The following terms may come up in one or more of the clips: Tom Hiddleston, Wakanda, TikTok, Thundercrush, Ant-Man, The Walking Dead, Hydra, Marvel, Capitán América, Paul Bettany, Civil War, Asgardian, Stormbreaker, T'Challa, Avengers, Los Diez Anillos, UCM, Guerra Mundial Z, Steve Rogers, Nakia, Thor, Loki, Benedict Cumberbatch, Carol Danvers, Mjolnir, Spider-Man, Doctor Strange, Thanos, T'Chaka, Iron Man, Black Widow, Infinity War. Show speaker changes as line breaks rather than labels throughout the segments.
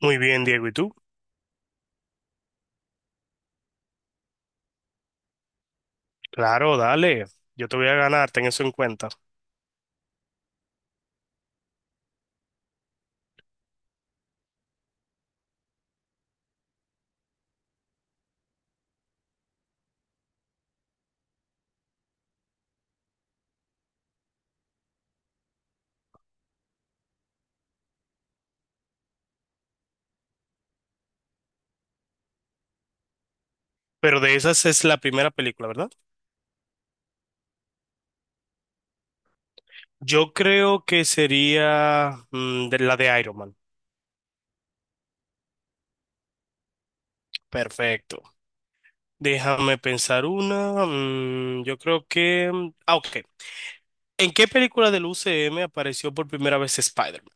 Muy bien, Diego, ¿y tú? Claro, dale. Yo te voy a ganar, ten eso en cuenta. Pero de esas es la primera película, ¿verdad? Yo creo que sería de la de Iron Man. Perfecto. Déjame pensar una. Yo creo que, ah, ok. ¿En qué película del UCM apareció por primera vez Spider-Man?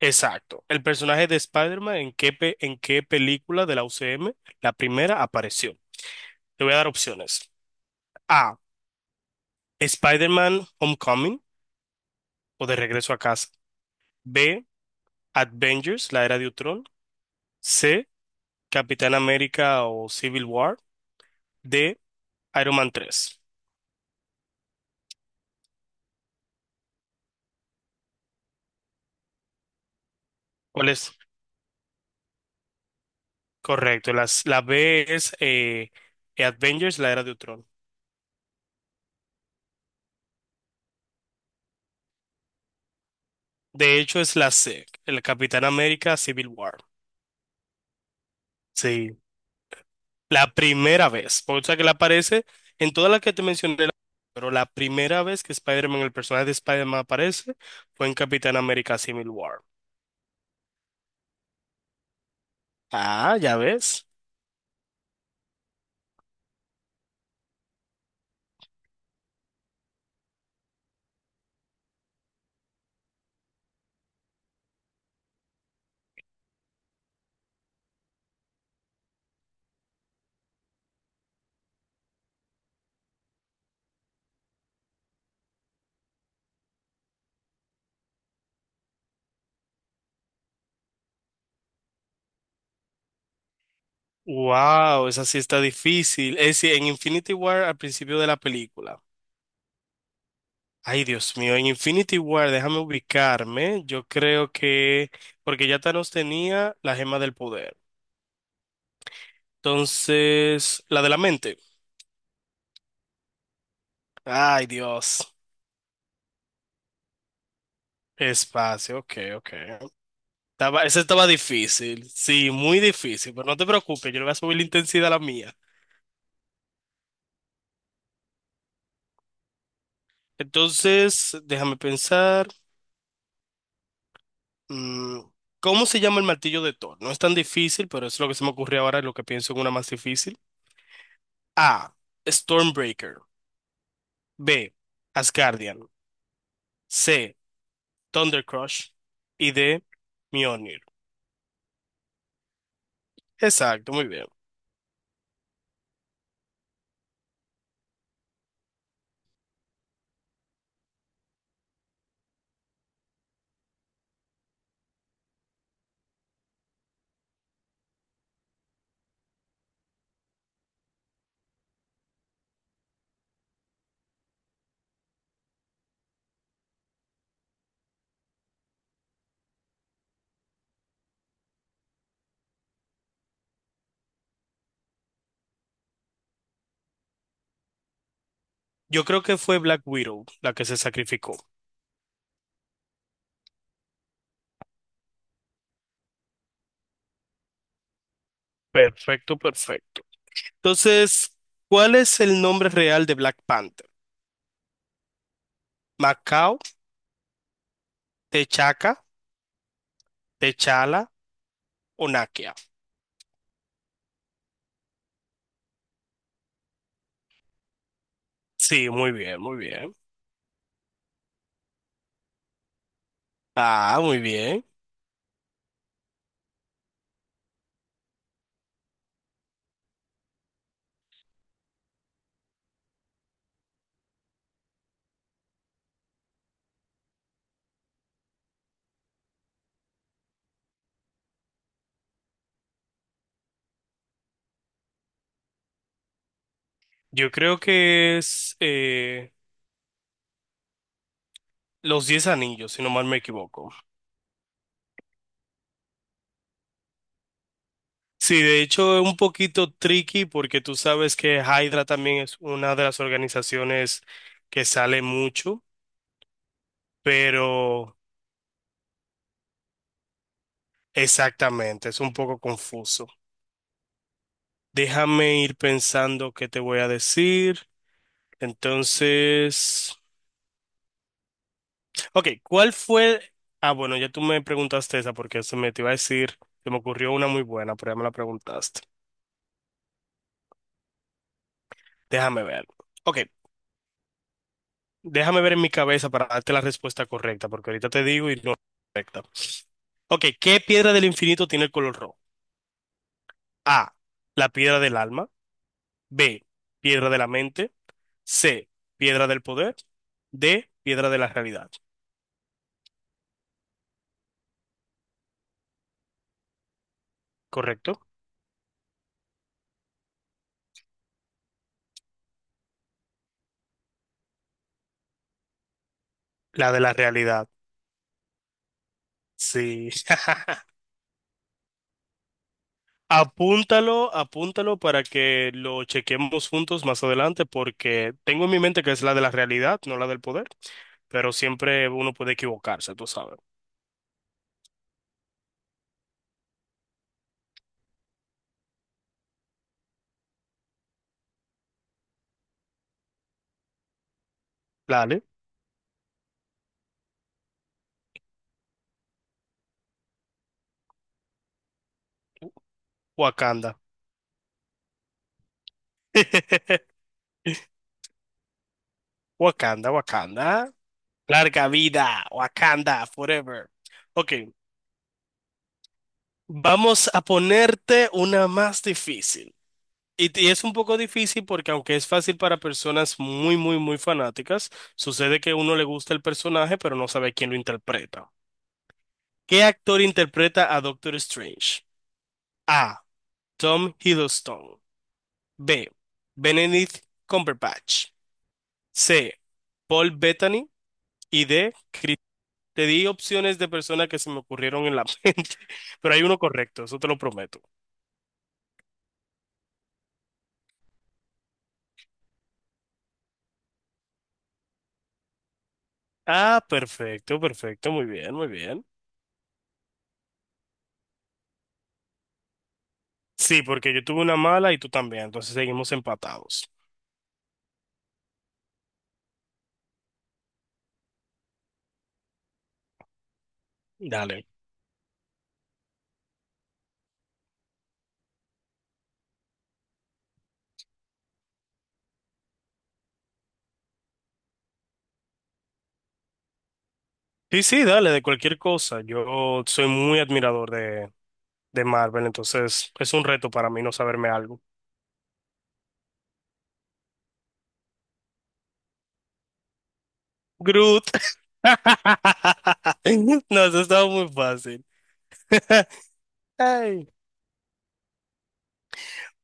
Exacto. El personaje de Spider-Man, ¿en qué película de la UCM la primera apareció? Te voy a dar opciones. A, Spider-Man Homecoming o De Regreso a Casa. B, Avengers, la era de Ultron. C, Capitán América o Civil War. D, Iron Man 3. ¿Cuál es? Correcto. La B es Avengers, la era de Ultron. De hecho, es la C. El Capitán América Civil War. Sí. La primera vez. Por sea que la aparece en todas las que te mencioné. Pero la primera vez que Spider-Man, el personaje de Spider-Man aparece, fue en Capitán América Civil War. Ah, ya ves. Wow, esa sí está difícil. Es decir, en Infinity War al principio de la película. Ay, Dios mío, en Infinity War, déjame ubicarme. Yo creo que, porque ya Thanos tenía la gema del poder. Entonces, la de la mente. Ay, Dios. Espacio, ok, ok. Esa estaba difícil. Sí, muy difícil, pero no te preocupes, yo le voy a subir la intensidad a la mía. Entonces, déjame pensar. Mm, ¿Cómo se llama el martillo de Thor? No es tan difícil, pero es lo que se me ocurrió ahora, lo que pienso en una más difícil. A, Stormbreaker. B, Asgardian. C, Thundercrush. Y D, Mjolnir. Exacto, muy bien. Yo creo que fue Black Widow la que se sacrificó. Perfecto, perfecto. Entonces, ¿cuál es el nombre real de Black Panther? ¿Macao, T'Chaka, T'Challa o Nakia? Sí, muy bien, muy bien. Ah, muy bien. Yo creo que es Los Diez Anillos, si no mal me equivoco. Sí, de hecho es un poquito tricky porque tú sabes que Hydra también es una de las organizaciones que sale mucho, pero exactamente, es un poco confuso. Déjame ir pensando qué te voy a decir. Entonces, ok, ¿cuál fue? Ah, bueno, ya tú me preguntaste esa porque se me te iba a decir, se me ocurrió una muy buena, pero ya me la preguntaste. Déjame ver. Ok. Déjame ver en mi cabeza para darte la respuesta correcta, porque ahorita te digo y no es correcta. Ok, ¿qué piedra del infinito tiene el color rojo? A, la piedra del alma. B, piedra de la mente. C, piedra del poder. D, piedra de la realidad. ¿Correcto? La de la realidad. Sí. Apúntalo, apúntalo para que lo chequemos juntos más adelante, porque tengo en mi mente que es la de la realidad, no la del poder, pero siempre uno puede equivocarse, tú sabes. Dale, Wakanda. Wakanda, Wakanda. Larga vida, Wakanda, forever. Ok, vamos a ponerte una más difícil. Y es un poco difícil porque aunque es fácil para personas muy, muy, muy fanáticas, sucede que uno le gusta el personaje, pero no sabe quién lo interpreta. ¿Qué actor interpreta a Doctor Strange? A, Tom Hiddleston. B, Benedict Cumberbatch. C, Paul Bettany. Y D, te di opciones de personas que se me ocurrieron en la mente, pero hay uno correcto, eso te lo prometo. Ah, perfecto, perfecto, muy bien, muy bien. Sí, porque yo tuve una mala y tú también, entonces seguimos empatados. Dale. Sí, sí, dale, de cualquier cosa. Yo soy muy admirador de Marvel, entonces es un reto para mí no saberme algo. Groot. No, eso estaba muy fácil. Ay.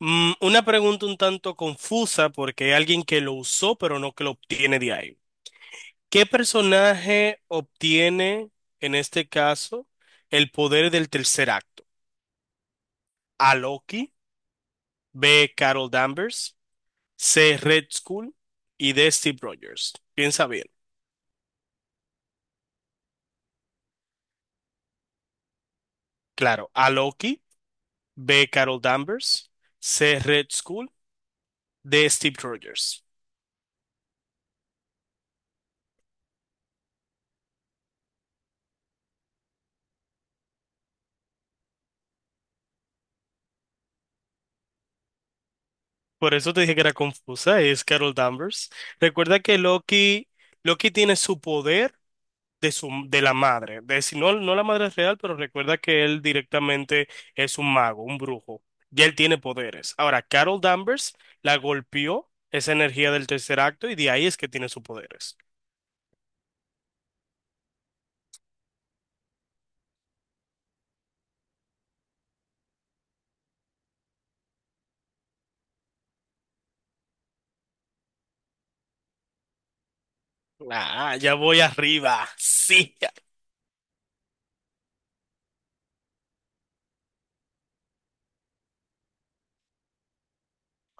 Mm, una pregunta un tanto confusa porque hay alguien que lo usó, pero no que lo obtiene de ahí. ¿Qué personaje obtiene, en este caso, el poder del tercer acto? A, Loki. B, Carol Danvers. C, Red Skull. Y D, Steve Rogers. Piensa bien. Claro, A, Loki. B, Carol Danvers. C, Red Skull. D, Steve Rogers. Por eso te dije que era confusa, es Carol Danvers. Recuerda que Loki tiene su poder de su de la madre, de si no, no la madre real, pero recuerda que él directamente es un mago, un brujo, y él tiene poderes. Ahora, Carol Danvers la golpeó esa energía del tercer acto y de ahí es que tiene sus poderes. Ah, ya voy arriba. Sí.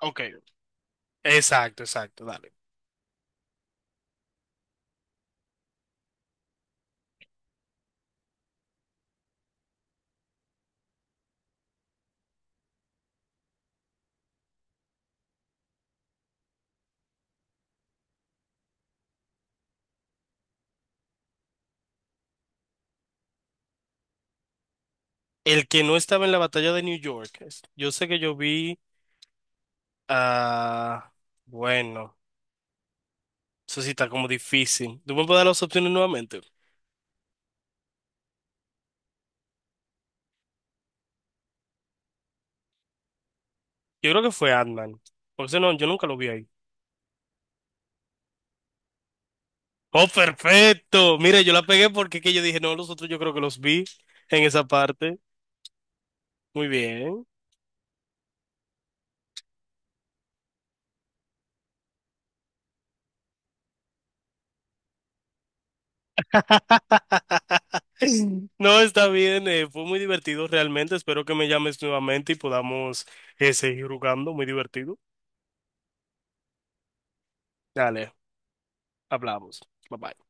Ok, exacto, exacto, dale. El que no estaba en la batalla de New York yo sé que yo vi a... bueno, eso sí está como difícil. ¿Tú me puedes dar las opciones nuevamente? Yo creo que fue Ant-Man. Porque ese no, yo nunca lo vi ahí. ¡Oh, perfecto! Mire, yo la pegué porque es que yo dije, no, los otros yo creo que los vi en esa parte. Muy bien. No, está bien. Fue muy divertido realmente. Espero que me llames nuevamente y podamos seguir jugando. Muy divertido. Dale, hablamos. Bye bye.